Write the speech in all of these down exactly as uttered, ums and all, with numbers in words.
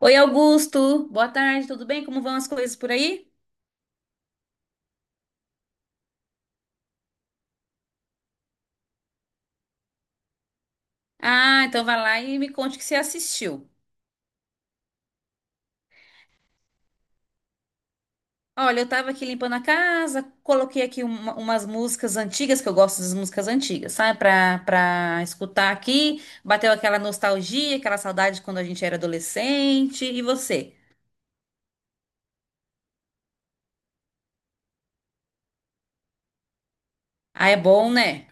Oi, Augusto. Boa tarde, tudo bem? Como vão as coisas por aí? Ah, então vai lá e me conte o que você assistiu. Olha, eu tava aqui limpando a casa, coloquei aqui uma- umas músicas antigas, que eu gosto das músicas antigas, sabe? Pra, pra escutar aqui, bateu aquela nostalgia, aquela saudade de quando a gente era adolescente. E você? Ah, é bom, né?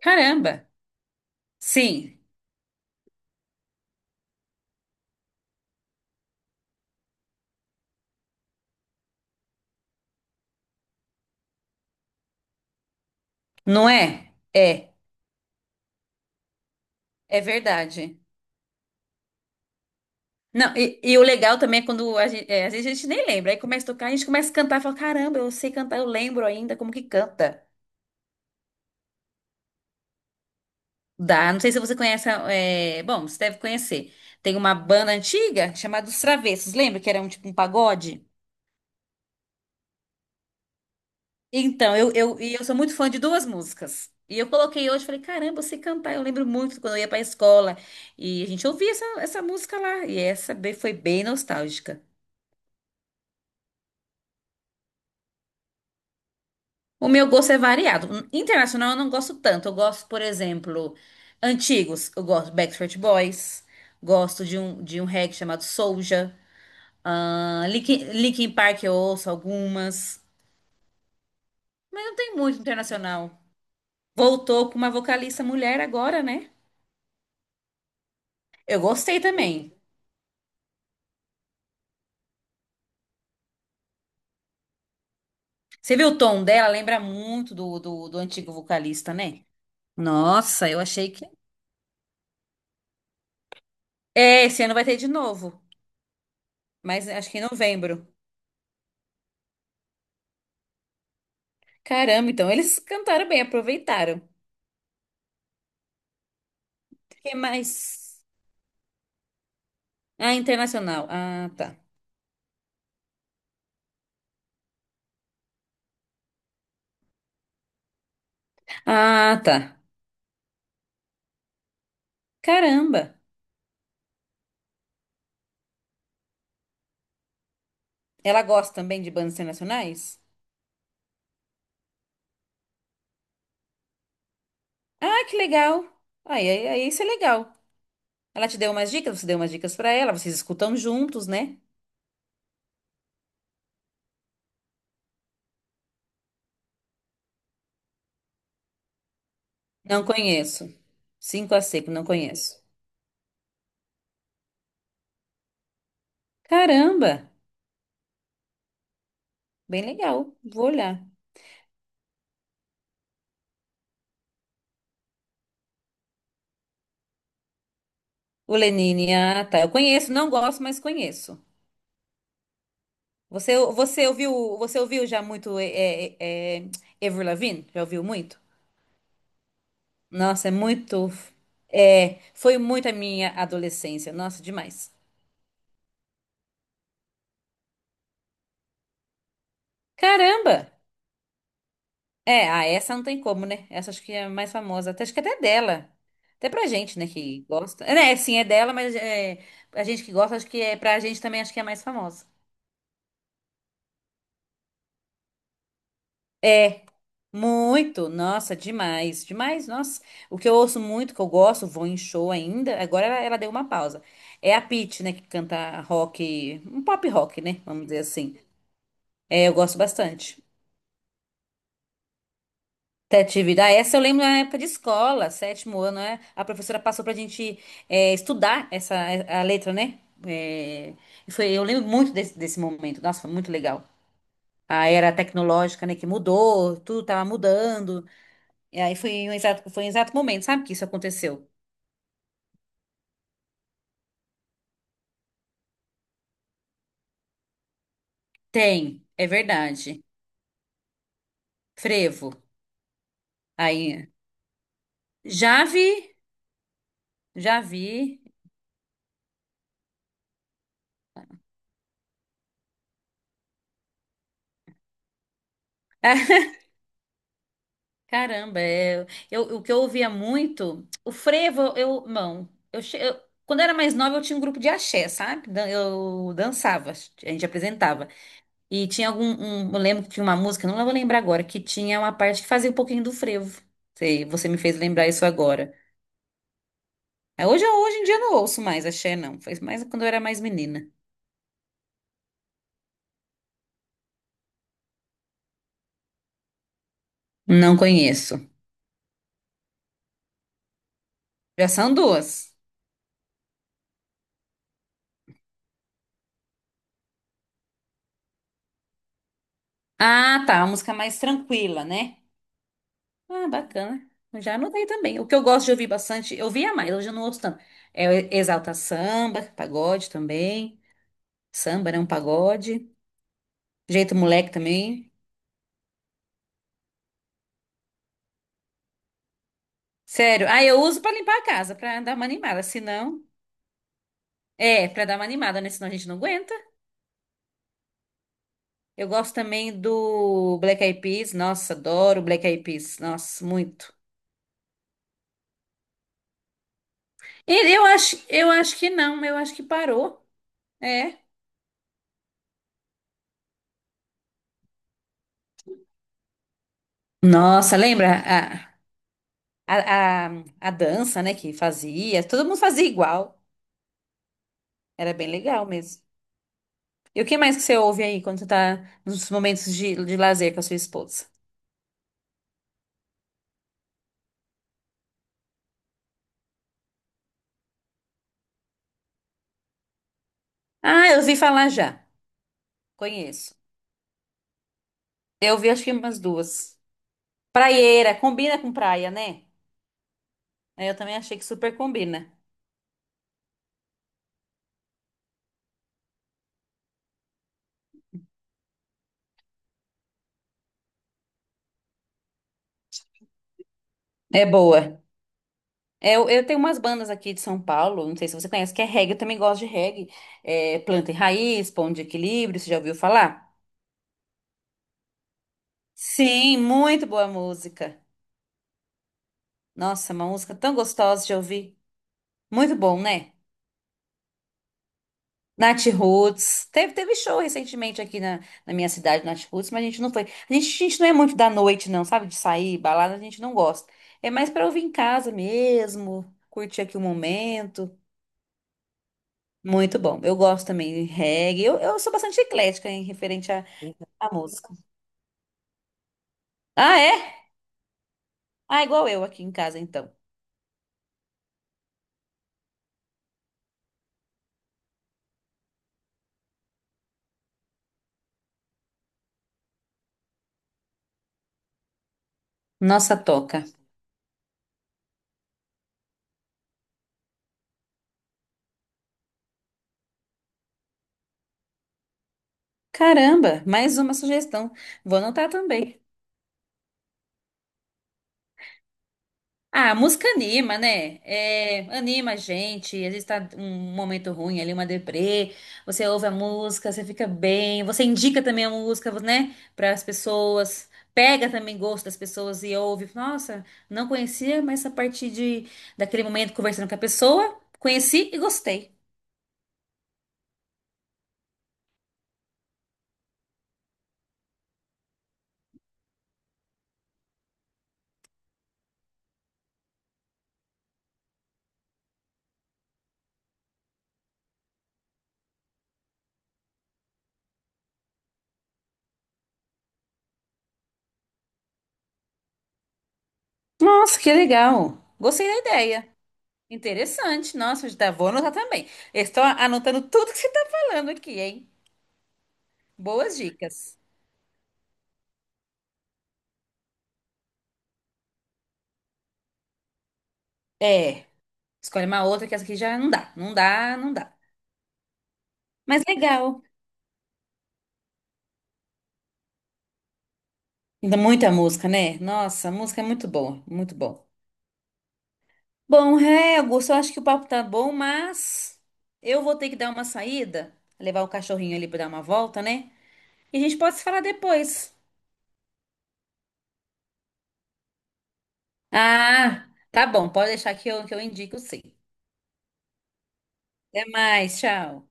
Caramba! Sim, não é? É, é verdade. Não, e, e o legal também é quando a gente, às vezes a gente nem lembra, aí começa a tocar, a gente começa a cantar e fala, caramba, eu sei cantar, eu lembro ainda como que canta. Dá, não sei se você conhece, é, bom, você deve conhecer. Tem uma banda antiga chamada Os Travessos, lembra que era um tipo um pagode? Então, eu, eu, e eu sou muito fã de duas músicas. E eu coloquei hoje, falei, caramba, eu sei cantar, eu lembro muito quando eu ia pra escola. E a gente ouvia essa, essa música lá, e essa be- foi bem nostálgica. O meu gosto é variado. Internacional eu não gosto tanto. Eu gosto, por exemplo, antigos. Eu gosto de Backstreet Boys. Gosto de um, de um reggae chamado Soulja. Ah, Linkin, Linkin Park eu ouço algumas. Mas não tem muito internacional. Voltou com uma vocalista mulher agora, né? Eu gostei também. Você viu o tom dela? Lembra muito do, do, do antigo vocalista, né? Nossa, eu achei que. É, esse ano vai ter de novo. Mas acho que em novembro. Caramba, então eles cantaram bem, aproveitaram. Que mais? Ah, internacional. Ah, tá. Ah, tá. Caramba. Ela gosta também de bandas internacionais? Ah, que legal. Aí, aí, aí, isso é legal. Ela te deu umas dicas, você deu umas dicas pra ela, vocês escutam juntos, né? Não conheço. Cinco a seco, não conheço. Caramba, bem legal. Vou olhar. O Lenine, ah, tá. Eu conheço, não gosto, mas conheço. Você, você ouviu, você ouviu já muito é, é, é, Avril Lavigne? Já ouviu muito? Nossa, é muito. É, foi muito a minha adolescência. Nossa, demais. Caramba! É, ah, essa não tem como, né? Essa acho que é a mais famosa. Até, acho que até é dela. Até pra gente, né, que gosta. É, né, sim, é dela, mas é, a gente que gosta, acho que é pra gente também, acho que é a mais famosa. Muito! Nossa, demais, demais. Nossa, o que eu ouço muito, que eu gosto, vou em show ainda. Agora ela, ela deu uma pausa. É a Pitty, né, que canta rock, um pop rock, né? Vamos dizer assim. É, eu gosto bastante. Criatividade. Ah, essa eu lembro na época de escola, sétimo ano, né? A professora passou pra gente é, estudar essa a letra, né? É, e foi, eu lembro muito desse, desse momento. Nossa, foi muito legal. A era tecnológica, né, que mudou, tudo tava mudando. E aí foi um exato, foi um exato momento, sabe que isso aconteceu? Tem, é verdade. Frevo. Aí, já vi, já vi. Caramba, é, eu, o que eu ouvia muito, o frevo, eu, não, eu, che- eu- quando eu era mais nova eu tinha um grupo de axé, sabe? Dan- Eu dançava, a gente apresentava. E tinha algum, um- eu lembro que tinha uma música, não vou lembrar agora, que tinha uma parte que fazia um pouquinho do frevo. Sei, você me fez lembrar isso agora. Ah, hoje, eu- hoje em dia eu não ouço mais axé, não. Foi mais quando eu era mais menina. Não conheço. Já são duas. Ah, tá, uma música mais tranquila, né? Ah, bacana. Eu já anotei também. O que eu gosto de ouvir bastante, eu ouvia mais, hoje eu não ouço tanto. É o Exalta Samba, pagode também. Samba, né? Um pagode. Jeito moleque também. Sério. Ah, eu uso pra limpar a casa, pra dar uma animada. Se não. É, pra dar uma animada, né? Senão a gente não aguenta. Eu gosto também do Black Eyed Peas. Nossa, adoro Black Eyed Peas. Nossa, muito. E eu acho, eu acho que não, eu acho que parou. É. Nossa, lembra? Ah, A, a, a dança, né, que fazia, todo mundo fazia igual. Era bem legal mesmo. E o que mais que você ouve aí quando você tá nos momentos de, de lazer com a sua esposa? Ah, eu ouvi falar já. Conheço. Eu vi acho que umas duas. Praieira, combina com praia, né? É, eu também achei que super combina. É boa. É, Eu, eu tenho umas bandas aqui de São Paulo, não sei se você conhece, que é reggae, eu também gosto de reggae. É, Planta e Raiz, Pão de Equilíbrio, você já ouviu falar? Sim, muito boa música. Nossa, uma música tão gostosa de ouvir. Muito bom, né? Nath Roots. Teve, teve show recentemente aqui na, na minha cidade, Nath Roots, mas a gente não foi. A gente, a gente não é muito da noite, não, sabe? De sair, balada, a gente não gosta. É mais pra ouvir em casa mesmo, curtir aqui o momento. Muito bom. Eu gosto também de reggae. Eu, eu sou bastante eclética em referente à, à música. Ah, é? Ah, igual eu aqui em casa, então. Nossa, toca. Caramba, mais uma sugestão. Vou anotar também. Ah, a música anima, né? É, anima a gente. Às vezes tá um momento ruim ali, uma deprê. Você ouve a música, você fica bem. Você indica também a música, né? Para as pessoas. Pega também gosto das pessoas e ouve. Nossa, não conhecia, mas a partir de, daquele momento conversando com a pessoa, conheci e gostei. Nossa, que legal. Gostei da ideia. Interessante. Nossa, já vou anotar também. Eu estou anotando tudo que você tá falando aqui, hein? Boas dicas. É. Escolhe uma outra que essa aqui já não dá, não dá, não dá. Mas legal. Ainda muita música, né? Nossa, a música é muito boa, muito bom. Bom, é, Augusto, eu acho que o papo tá bom, mas eu vou ter que dar uma saída, levar o cachorrinho ali pra dar uma volta, né? E a gente pode se falar depois. Ah, tá bom, pode deixar que eu, que eu indico sim. Até mais, tchau.